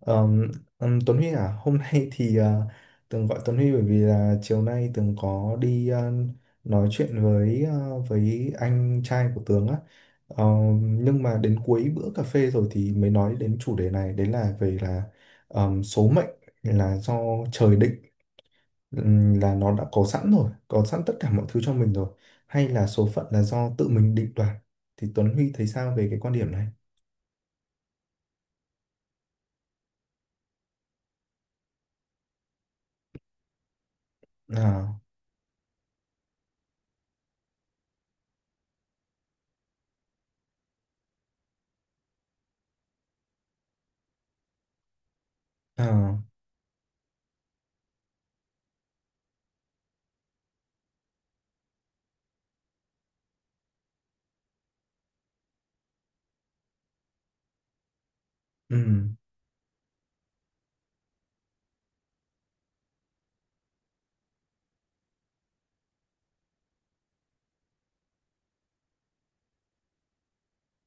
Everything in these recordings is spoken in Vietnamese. Ờm, Tuấn Huy à, hôm nay Tường gọi Tuấn Huy bởi vì là chiều nay Tường có đi, nói chuyện với anh trai của Tường á. Nhưng mà đến cuối bữa cà phê rồi thì mới nói đến chủ đề này, đấy là về là số mệnh là do trời định, là nó đã có sẵn rồi, có sẵn tất cả mọi thứ cho mình rồi, hay là số phận là do tự mình định đoạt. Thì Tuấn Huy thấy sao về cái quan điểm này? À, à, ừ,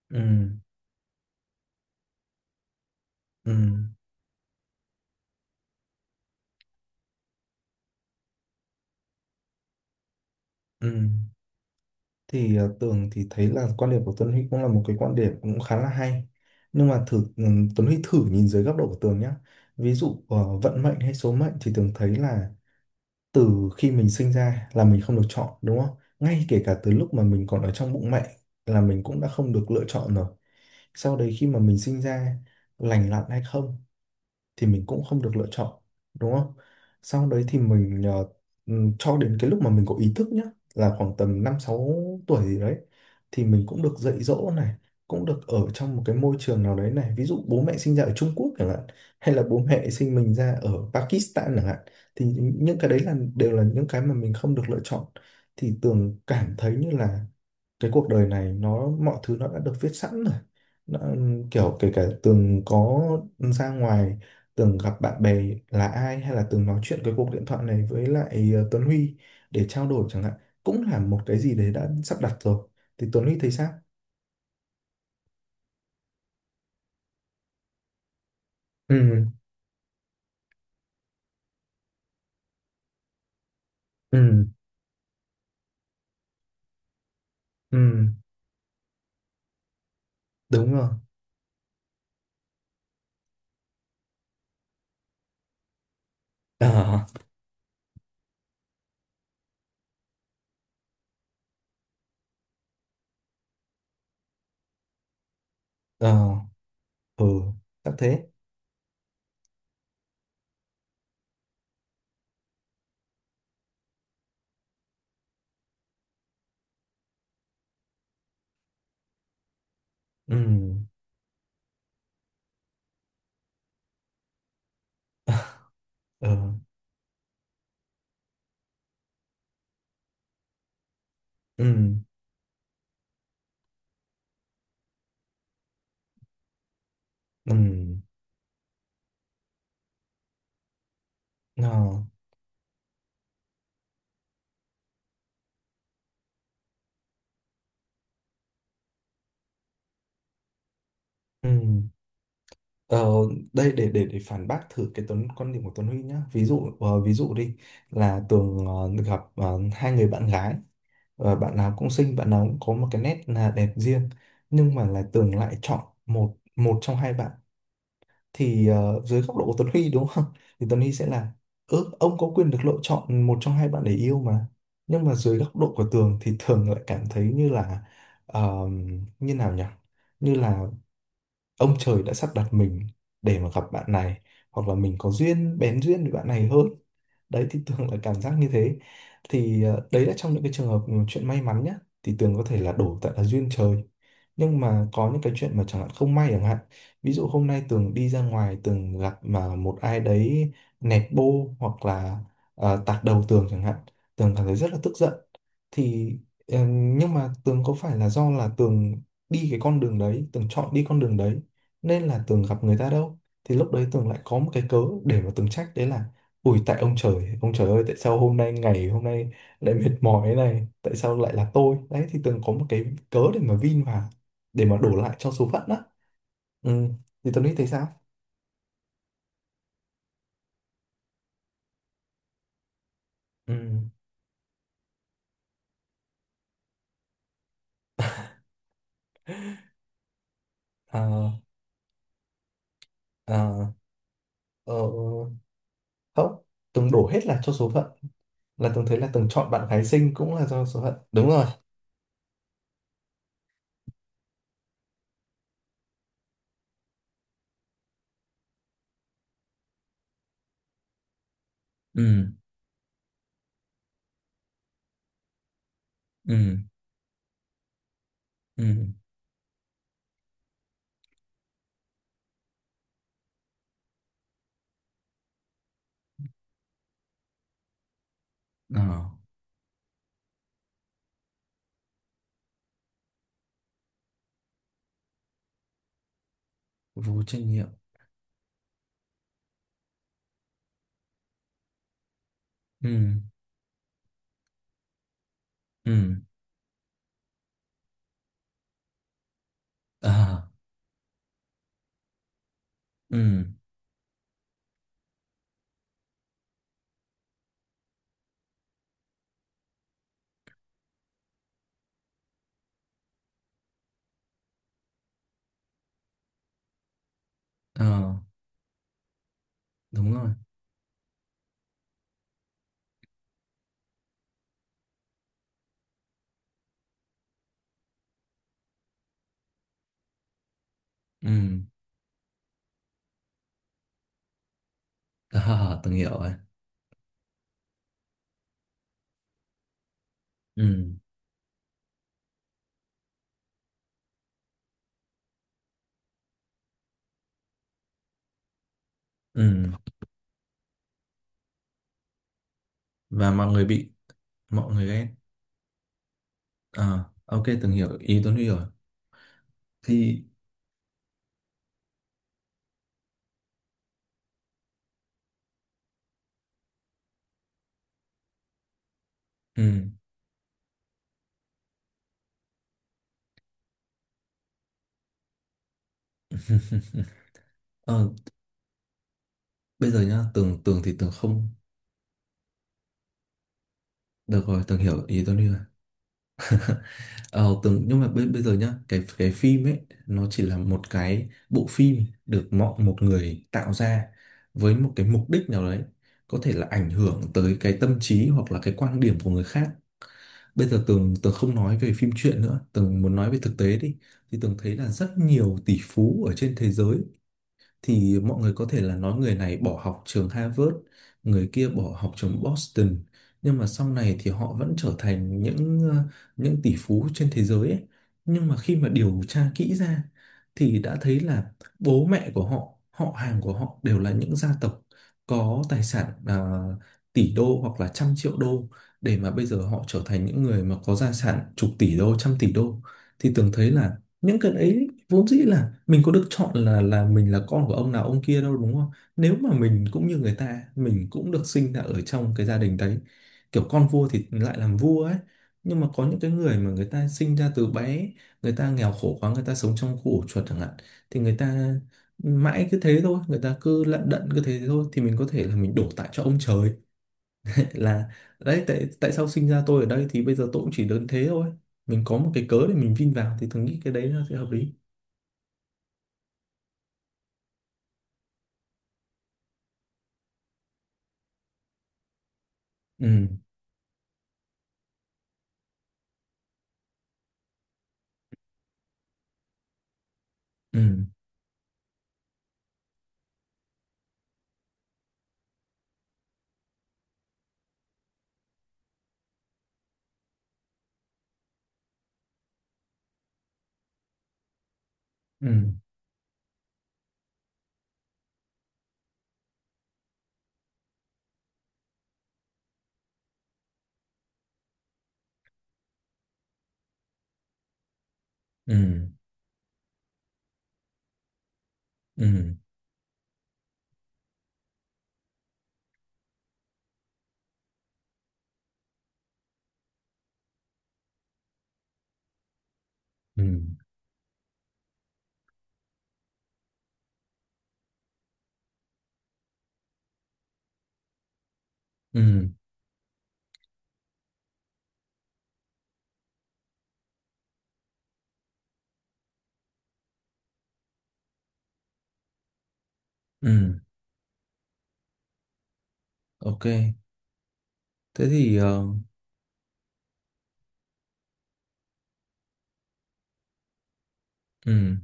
ừ, ừ. Ừ. Tường thì thấy là quan điểm của Tuấn Huy cũng là một cái quan điểm cũng khá là hay nhưng mà thử, Tuấn Huy thử nhìn dưới góc độ của Tường nhá, ví dụ, vận mệnh hay số mệnh thì Tường thấy là từ khi mình sinh ra là mình không được chọn đúng không? Ngay kể cả từ lúc mà mình còn ở trong bụng mẹ là mình cũng đã không được lựa chọn rồi. Sau đấy khi mà mình sinh ra lành lặn hay không thì mình cũng không được lựa chọn đúng không? Sau đấy thì mình, cho đến cái lúc mà mình có ý thức nhá là khoảng tầm 5 6 tuổi gì đấy thì mình cũng được dạy dỗ này, cũng được ở trong một cái môi trường nào đấy này, ví dụ bố mẹ sinh ra ở Trung Quốc chẳng hạn hay là bố mẹ sinh mình ra ở Pakistan chẳng hạn, thì những cái đấy là đều là những cái mà mình không được lựa chọn, thì Tường cảm thấy như là cái cuộc đời này nó mọi thứ nó đã được viết sẵn rồi, nó kiểu kể cả Tường có ra ngoài Tường gặp bạn bè là ai, hay là Tường nói chuyện cái cuộc điện thoại này với lại Tuấn Huy để trao đổi chẳng hạn, cũng là một cái gì đấy đã sắp đặt rồi. Thì Tuấn Huy thấy sao? Ừ, ừ, ừ, đúng rồi, ờ, ờ, ừ, chắc thế, ừ, ờ, ừ, ừ, Ờ, ừ. Ờ, đây để phản bác thử cái Tuấn quan điểm của Tuấn Huy nhá. Ví dụ đi, là Tường được gặp hai người bạn gái. Ờ, bạn nào cũng xinh, bạn nào cũng có một cái nét là đẹp riêng, nhưng mà là Tường lại chọn một một trong hai bạn, thì ờ, dưới góc độ của Tuấn Huy đúng không? Thì Tuấn Huy sẽ là, ừ, ông có quyền được lựa chọn một trong hai bạn để yêu mà. Nhưng mà dưới góc độ của Tường thì Tường lại cảm thấy như là, ờ, như nào nhỉ? Như là ông trời đã sắp đặt mình để mà gặp bạn này, hoặc là mình có duyên bén duyên với bạn này hơn. Đấy thì Tường là cảm giác như thế. Đấy là trong những cái trường hợp mà chuyện may mắn nhá, thì Tường có thể là đổ tại là duyên trời, nhưng mà có những cái chuyện mà chẳng hạn không may chẳng hạn, ví dụ hôm nay Tường đi ra ngoài Tường gặp mà một ai đấy nẹt bô hoặc là tạt đầu Tường chẳng hạn, Tường cảm thấy rất là tức giận, thì nhưng mà Tường có phải là do là Tường đi cái con đường đấy Tường chọn đi con đường đấy nên là Tường gặp người ta đâu, thì lúc đấy Tường lại có một cái cớ để mà Tường trách đấy là ủi tại ông trời ơi tại sao hôm nay ngày hôm nay lại mệt mỏi thế này tại sao lại là tôi, đấy thì Tường có một cái cớ để mà vin vào để mà đổ lại cho số phận đó. Ừ. Thì Tường nghĩ thấy sao? Ừ. À, à, ờ, không, Tường đổ hết là cho số phận, là Tường thấy là Tường chọn bạn gái xinh cũng là do số phận đúng rồi. Ừ, ừ, ừ, à, vô trách nhiệm, ừ, ừ, à, ừ, ờ, đúng rồi, ừ, à, từng hiểu rồi, ừ, ừ, và mọi người bị mọi người ghét, ờ, ok, từng hiểu ý Tuấn Huy rồi, thì ừ, ờ, bây giờ nhá, tưởng tưởng thì tưởng không được rồi, tưởng hiểu ý Tuấn Huy rồi. Ờ, tưởng nhưng mà bây giờ nhá, cái phim ấy, nó chỉ là một cái bộ phim được mọi một người tạo ra với một cái mục đích nào đấy, có thể là ảnh hưởng tới cái tâm trí hoặc là cái quan điểm của người khác. Bây giờ Tường Tường không nói về phim truyện nữa, Tường muốn nói về thực tế đi. Thì Tường thấy là rất nhiều tỷ phú ở trên thế giới thì mọi người có thể là nói người này bỏ học trường Harvard, người kia bỏ học trường Boston, nhưng mà sau này thì họ vẫn trở thành những những tỷ phú trên thế giới ấy. Nhưng mà khi mà điều tra kỹ ra thì đã thấy là bố mẹ của họ, họ hàng của họ đều là những gia tộc có tài sản tỷ đô hoặc là trăm triệu đô, để mà bây giờ họ trở thành những người mà có gia sản chục tỷ đô, trăm tỷ đô, thì tưởng thấy là những cái đấy vốn dĩ là mình có được chọn là mình là con của ông nào ông kia đâu đúng không, nếu mà mình cũng như người ta mình cũng được sinh ra ở trong cái gia đình đấy kiểu con vua thì lại làm vua ấy, nhưng mà có những cái người mà người ta sinh ra từ bé người ta nghèo khổ quá người ta sống trong khu ổ chuột chẳng hạn, thì người ta mãi cứ thế thôi người ta cứ lận đận cứ thế thôi, thì mình có thể là mình đổ tại cho ông trời là đấy tại tại sao sinh ra tôi ở đây thì bây giờ tôi cũng chỉ đơn thế thôi, mình có một cái cớ để mình vin vào, thì tôi nghĩ cái đấy nó sẽ hợp lý. Ừ, ừ, ừ, ừ, ừ, ừ, ừ, ừ, ok, thế thì ờ, ừ.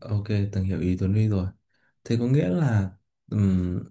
Ok, từng hiểu ý Tuấn Huy rồi. Thế có nghĩa là ừm,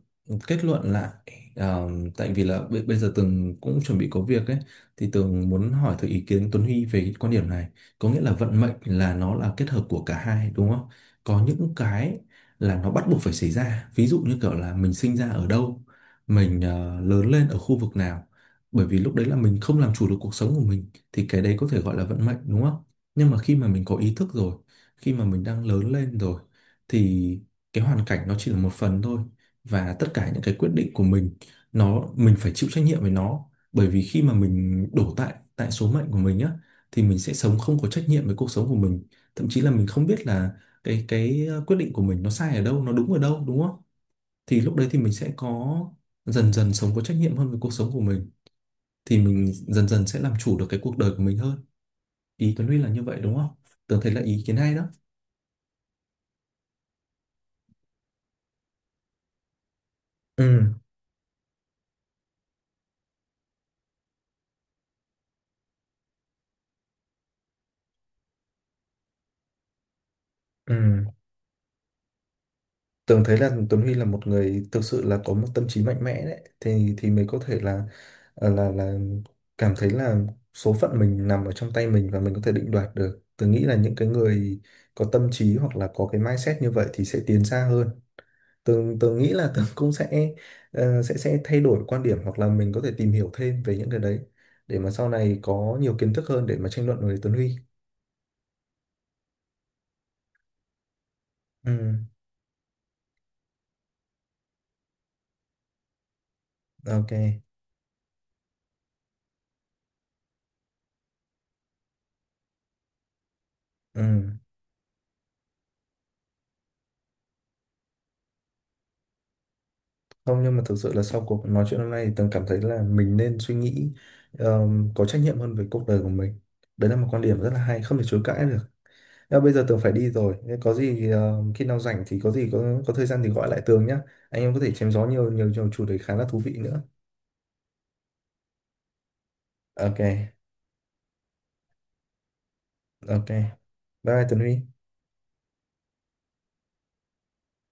kết luận lại ờ, tại vì là bây giờ Tường cũng chuẩn bị có việc ấy, thì Tường muốn hỏi thử ý kiến Tuấn Huy về cái quan điểm này. Có nghĩa là vận mệnh là nó là kết hợp của cả hai đúng không? Có những cái là nó bắt buộc phải xảy ra. Ví dụ như kiểu là mình sinh ra ở đâu, mình lớn lên ở khu vực nào. Bởi vì lúc đấy là mình không làm chủ được cuộc sống của mình thì cái đấy có thể gọi là vận mệnh đúng không? Nhưng mà khi mà mình có ý thức rồi, khi mà mình đang lớn lên rồi, thì cái hoàn cảnh nó chỉ là một phần thôi, và tất cả những cái quyết định của mình nó mình phải chịu trách nhiệm với nó, bởi vì khi mà mình đổ tại tại số mệnh của mình á thì mình sẽ sống không có trách nhiệm với cuộc sống của mình, thậm chí là mình không biết là cái quyết định của mình nó sai ở đâu nó đúng ở đâu đúng không, thì lúc đấy thì mình sẽ có dần dần sống có trách nhiệm hơn với cuộc sống của mình, thì mình dần dần sẽ làm chủ được cái cuộc đời của mình hơn, ý Tuấn Huy là như vậy đúng không? Tớ thấy là ý kiến hay đó. Ừ, ừ, Tường thấy là Tuấn Huy là một người thực sự là có một tâm trí mạnh mẽ đấy, thì mới có thể là ờ, là là cảm thấy là số phận mình nằm ở trong tay mình và mình có thể định đoạt được. Tường nghĩ là những cái người có tâm trí hoặc là có cái mindset như vậy thì sẽ tiến xa hơn. Tường tường nghĩ là Tường cũng sẽ sẽ thay đổi quan điểm hoặc là mình có thể tìm hiểu thêm về những cái đấy để mà sau này có nhiều kiến thức hơn để mà tranh luận với Tuấn Huy. Ừ, ok. Ừ. Không nhưng mà thực sự là sau cuộc nói chuyện hôm nay thì Tường cảm thấy là mình nên suy nghĩ có trách nhiệm hơn về cuộc đời của mình. Đấy là một quan điểm rất là hay, không thể chối cãi được. Nhưng bây giờ Tường phải đi rồi. Thế có gì, khi nào rảnh thì có gì có thời gian thì gọi lại Tường nhé. Anh em có thể chém gió nhiều nhiều nhiều chủ đề khá là thú vị nữa. Ok, ok. Bye bye Tường Huy.